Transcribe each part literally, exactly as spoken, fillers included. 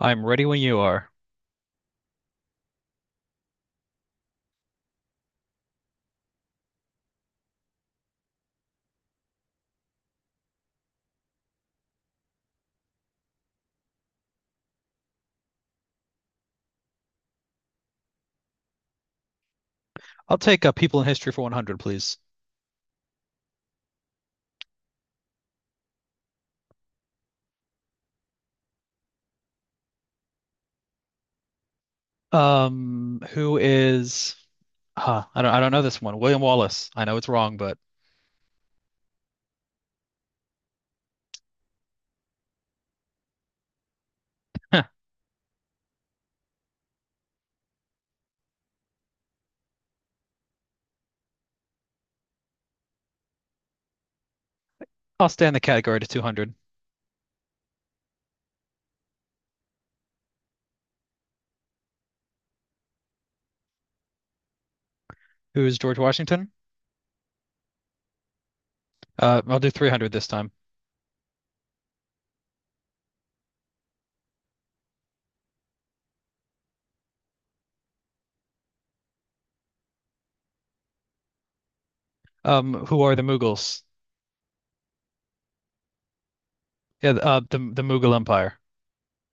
I'm ready when you are. I'll take uh, people in history for one hundred, please. Um, who is? Huh, I don't. I don't know this one. William Wallace. I know it's wrong, but huh, I'll stay in the category to two hundred. Who is George Washington? Uh, I'll do three hundred this time. Um, who are the Mughals? Yeah, the- uh, the the Mughal Empire.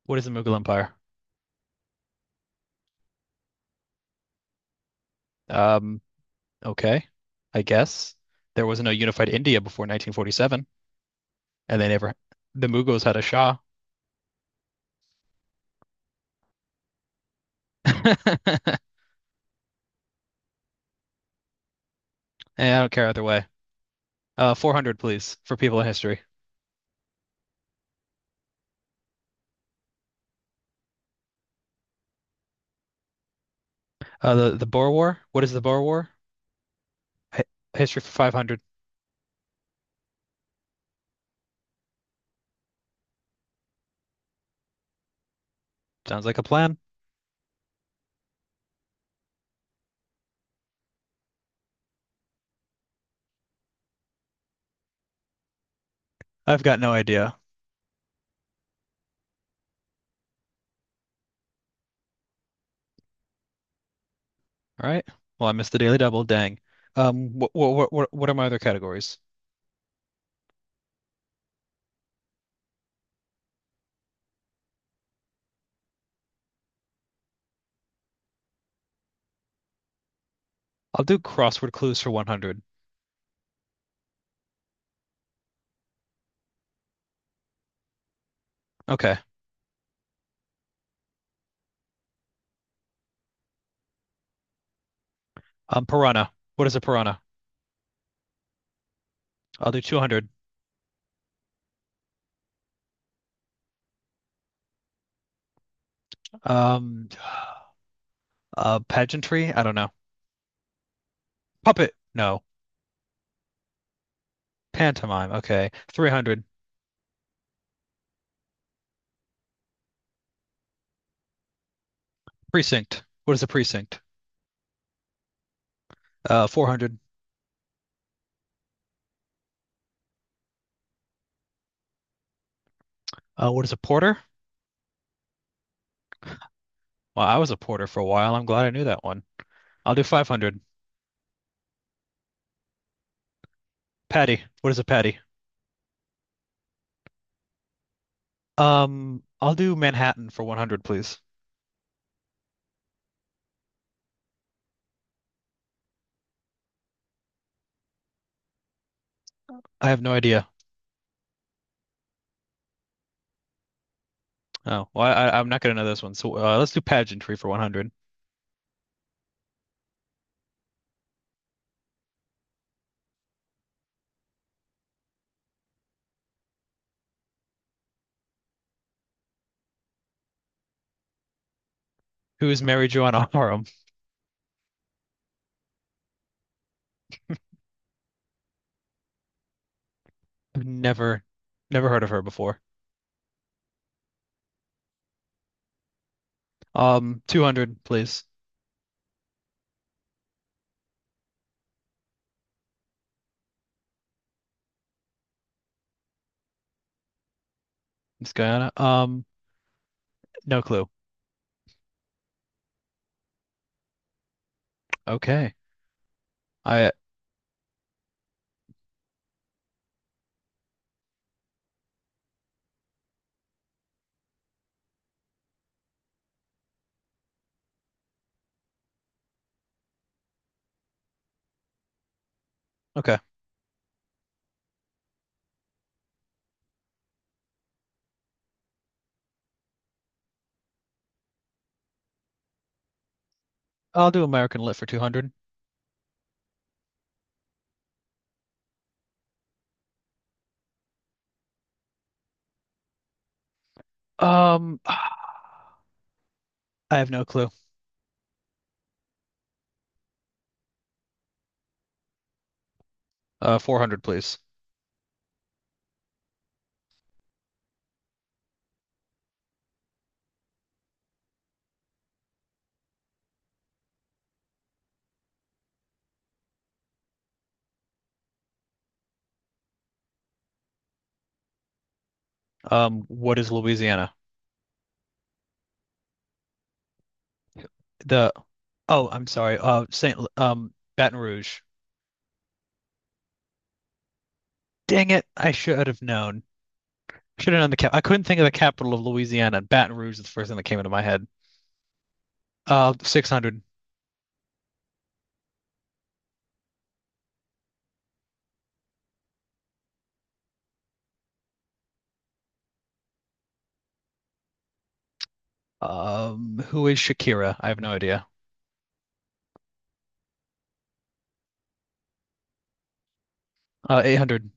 What is the Mughal Empire? Um, okay, I guess there was no unified India before nineteen forty-seven, and they never. The Mughals had a Shah. And I don't care either way. Uh, four hundred, please, for people in history. Uh, the the Boer War. What is the Boer War? Hi History for five hundred. Sounds like a plan. I've got no idea. All right. Well, I missed the Daily Double. Dang. Um, what what what what are my other categories? I'll do crossword clues for one hundred. Okay. Um, piranha. What is a piranha? I'll do two hundred. Um, uh, Pageantry. I don't know. Puppet. No. Pantomime. Okay. three hundred. Precinct. What is a precinct? Uh, four hundred. Uh, what is a porter? Well, I was a porter for a while. I'm glad I knew that one. I'll do five hundred. Patty. What is a patty? Um, I'll do Manhattan for one hundred, please. I have no idea. Oh, well, I, I- I'm not gonna know this one. So uh, let's do pageantry for one hundred. Who is Mary Joanna Parham? I've never, never heard of her before. Um, two hundred, please. Miss Guyana. Um, no clue. Okay. I Okay. I'll do American Lit for two hundred. Um, I have no clue. Uh, four hundred, please. Um, what is Louisiana? The Oh, I'm sorry. Uh, Saint L- um Baton Rouge. Dang it, I should have known. Should have known the cap. I couldn't think of the capital of Louisiana. Baton Rouge is the first thing that came into my head. Uh, six hundred. Um, who is Shakira? I have no idea. Uh, eight hundred.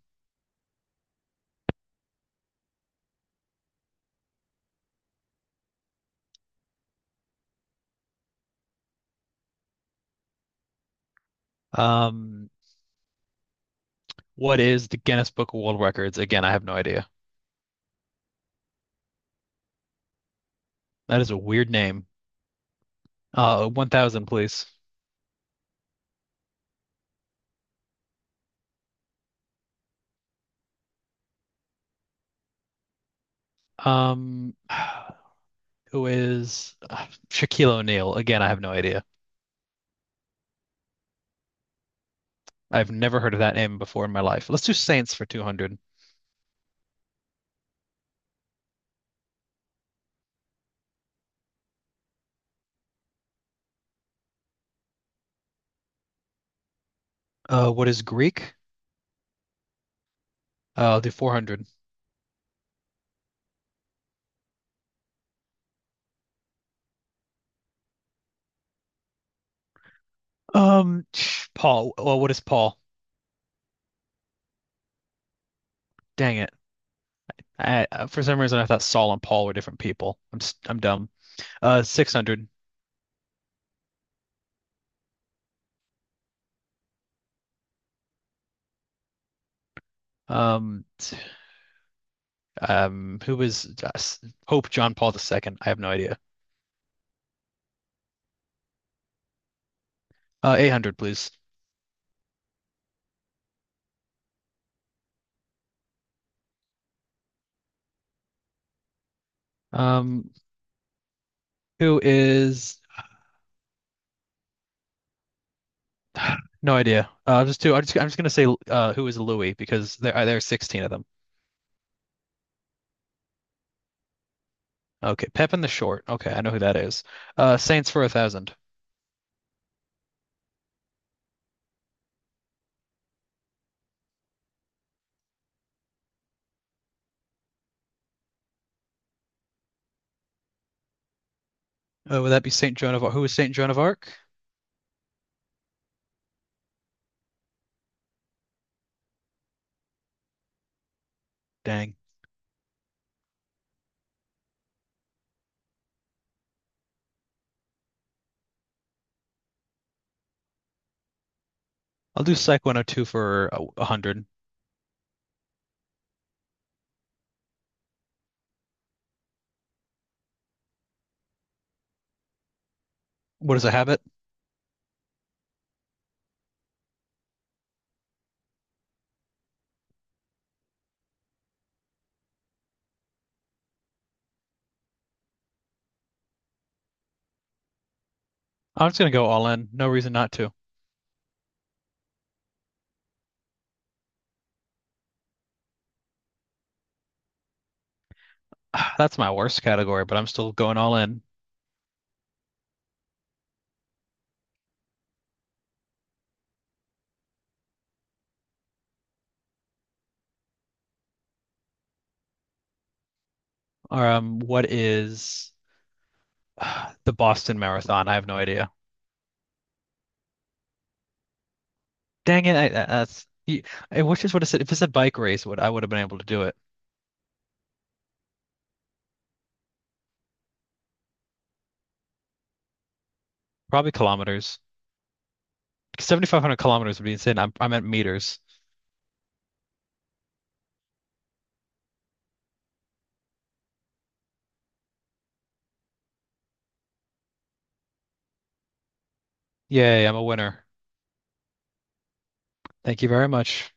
Um, what is the Guinness Book of World Records? Again, I have no idea. That is a weird name. Uh, one thousand, please. Um, who is uh, Shaquille O'Neal? Again, I have no idea. I've never heard of that name before in my life. Let's do Saints for two hundred. Uh, what is Greek? Uh, I'll do four hundred. Um, Paul. Well, what is Paul? Dang it! I, uh, for some reason, I thought Saul and Paul were different people. I'm s- I'm dumb. Uh, six hundred. Um, t- um, who was uh, s- Pope John Paul two? I have no idea. Uh, eight hundred, please. Um, who is? No idea. Uh, I'll just do. I'm just I'm just gonna say uh, who is Louis because there uh, there are sixteen of them. Okay, Pepin the Short. Okay, I know who that is. Uh, Saints for a thousand. Uh, would that be Saint Joan of Arc? Who is Saint Joan of Arc? Dang. I'll do Psych one oh two for a one hundred. What is a habit? I'm just gonna go all in. No reason not to. That's my worst category, but I'm still going all in. Um, what is the Boston Marathon? I have no idea. Dang it! I, that's you- I wish this would have said if it's a bike race, would I would have been able to do it? Probably kilometers. seven thousand five hundred kilometers would be insane. I'm I'm meters. Yay! I'm a winner. Thank you very much.